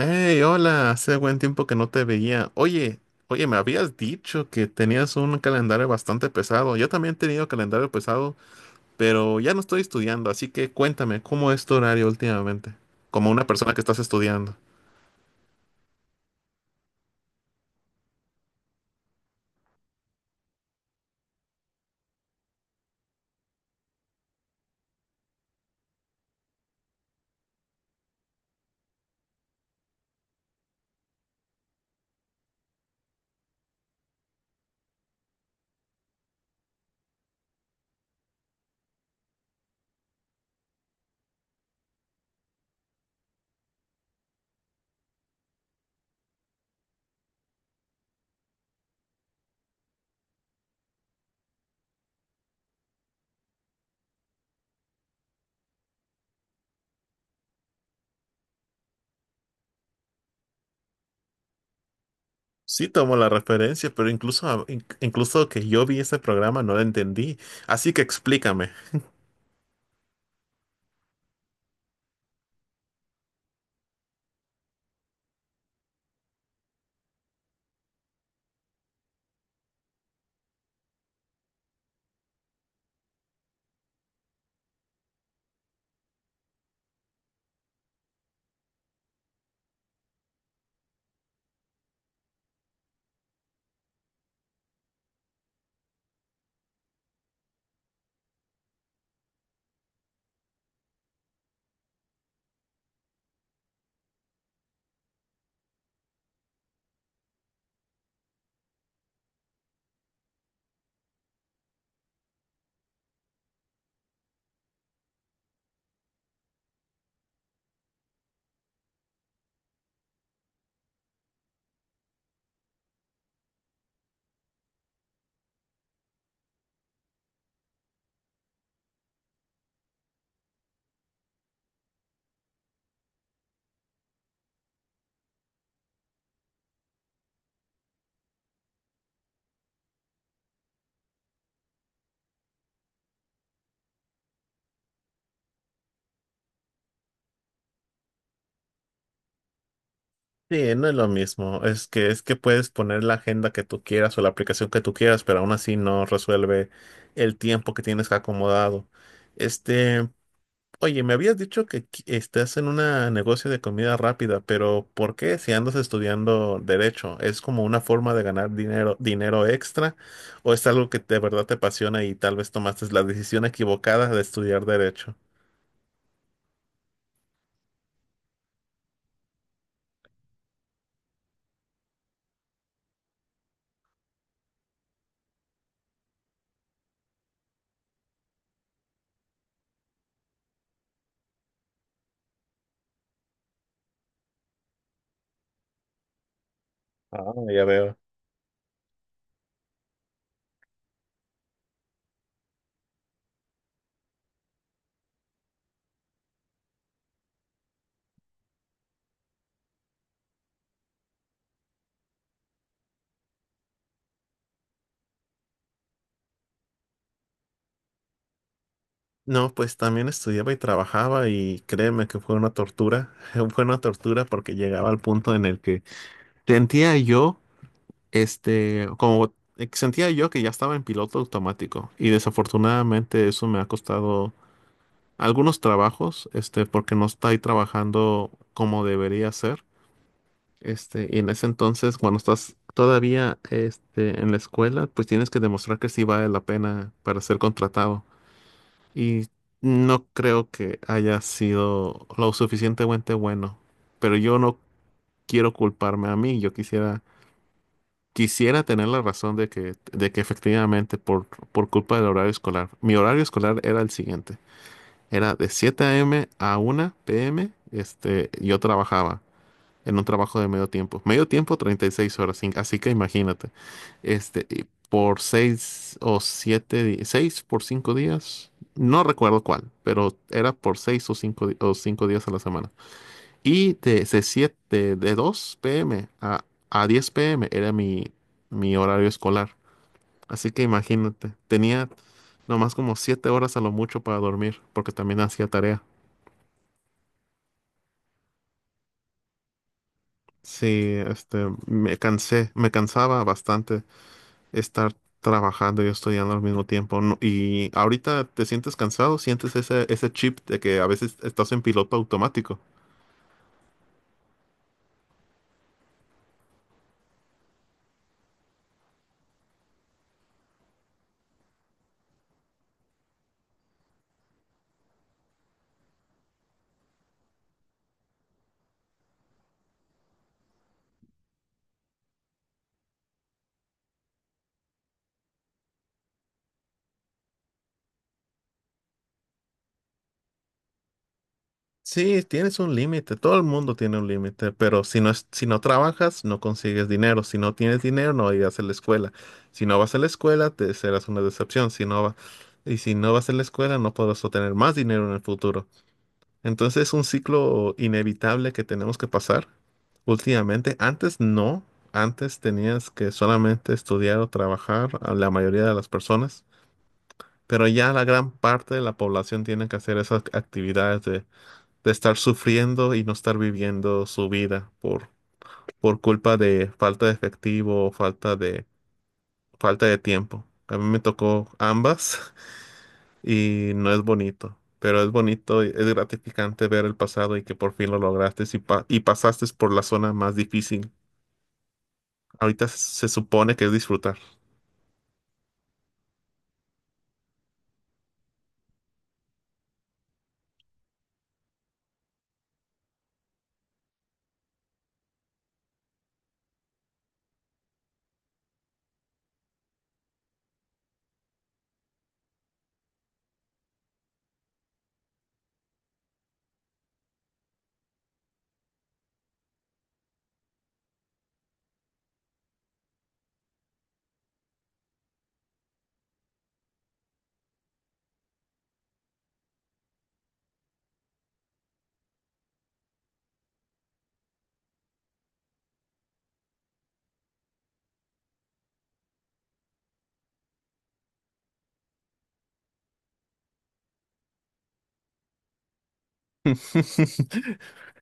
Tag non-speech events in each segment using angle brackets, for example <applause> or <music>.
Hey, hola, hace buen tiempo que no te veía. Oye, me habías dicho que tenías un calendario bastante pesado. Yo también he tenido calendario pesado, pero ya no estoy estudiando, así que cuéntame, ¿cómo es tu horario últimamente? Como una persona que estás estudiando. Sí, tomo la referencia, pero incluso, incluso que yo vi ese programa no lo entendí, así que explícame. Sí, no es lo mismo. Es que puedes poner la agenda que tú quieras o la aplicación que tú quieras, pero aún así no resuelve el tiempo que tienes acomodado. Este, Oye, me habías dicho que estás en un negocio de comida rápida, pero ¿por qué si andas estudiando derecho? ¿Es como una forma de ganar dinero, dinero extra o es algo que de verdad te apasiona y tal vez tomaste la decisión equivocada de estudiar derecho? Ah, ya veo. No, pues también estudiaba y trabajaba y créeme que fue una tortura, <laughs> fue una tortura porque llegaba al punto en el que sentía yo, sentía yo que ya estaba en piloto automático y desafortunadamente eso me ha costado algunos trabajos, porque no estoy trabajando como debería ser, y en ese entonces cuando estás todavía, en la escuela, pues tienes que demostrar que sí vale la pena para ser contratado. Y no creo que haya sido lo suficientemente bueno. Pero yo no quiero culparme a mí. Yo quisiera tener la razón de que efectivamente por culpa del horario escolar. Mi horario escolar era el siguiente. Era de 7 a.m. a una p m. Yo trabajaba en un trabajo de medio tiempo. Medio tiempo, 36 horas, así que imagínate, y por 6 o 7, 6 por 5 días, no recuerdo cuál, pero era por 6 o 5, o 5 días a la semana. Y de 2 p.m. a 10 p.m. era mi horario escolar. Así que imagínate, tenía nomás como 7 horas a lo mucho para dormir, porque también hacía tarea. Sí, me cansé, me cansaba bastante estar trabajando y estudiando al mismo tiempo. Y ahorita te sientes cansado, sientes ese chip de que a veces estás en piloto automático. Sí, tienes un límite, todo el mundo tiene un límite, pero si no trabajas, no consigues dinero. Si no tienes dinero, no irás a la escuela. Si no vas a la escuela, te serás una decepción. Y si no vas a la escuela, no podrás obtener más dinero en el futuro. Entonces es un ciclo inevitable que tenemos que pasar últimamente. Antes no, antes tenías que solamente estudiar o trabajar a la mayoría de las personas, pero ya la gran parte de la población tiene que hacer esas actividades de estar sufriendo y no estar viviendo su vida por culpa de falta de efectivo, falta de tiempo. A mí me tocó ambas <laughs> y no es bonito, pero es bonito, y es gratificante ver el pasado y que por fin lo lograste y pasaste por la zona más difícil. Ahorita se supone que es disfrutar. <laughs>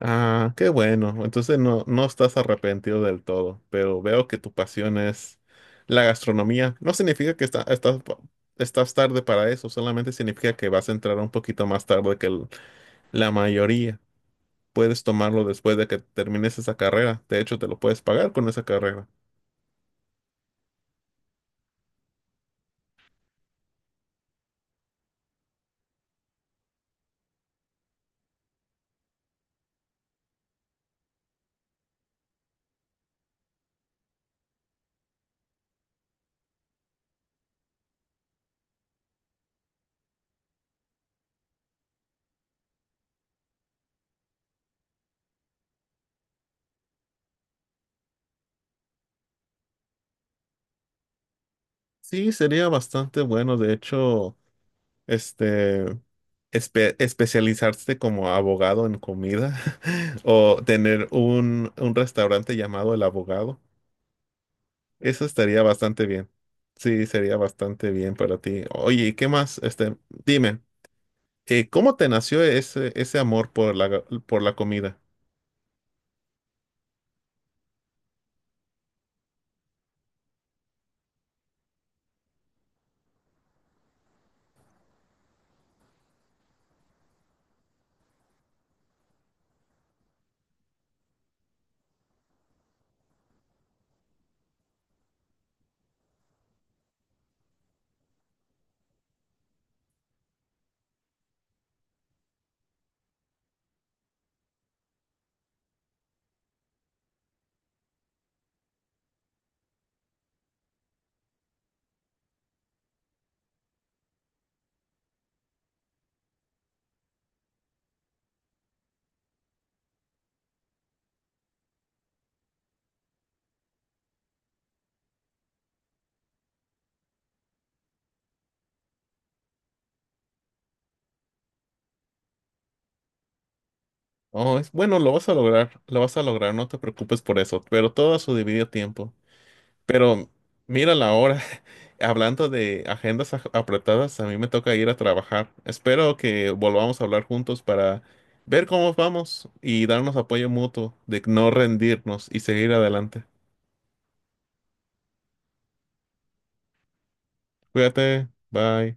Ah, qué bueno. Entonces no, no estás arrepentido del todo, pero veo que tu pasión es la gastronomía. No significa que estás tarde para eso, solamente significa que vas a entrar un poquito más tarde que la mayoría. Puedes tomarlo después de que termines esa carrera. De hecho, te lo puedes pagar con esa carrera. Sí, sería bastante bueno. De hecho, este, especializarse como abogado en comida <laughs> o tener un restaurante llamado El Abogado. Eso estaría bastante bien. Sí, sería bastante bien para ti. Oye, ¿y qué más? Dime, ¿cómo te nació ese amor por la comida? Oh, es bueno, lo vas a lograr, lo vas a lograr, no te preocupes por eso, pero todo a su debido tiempo. Pero mira la hora, <laughs> hablando de agendas apretadas, a mí me toca ir a trabajar. Espero que volvamos a hablar juntos para ver cómo vamos y darnos apoyo mutuo de no rendirnos y seguir adelante. Cuídate, bye.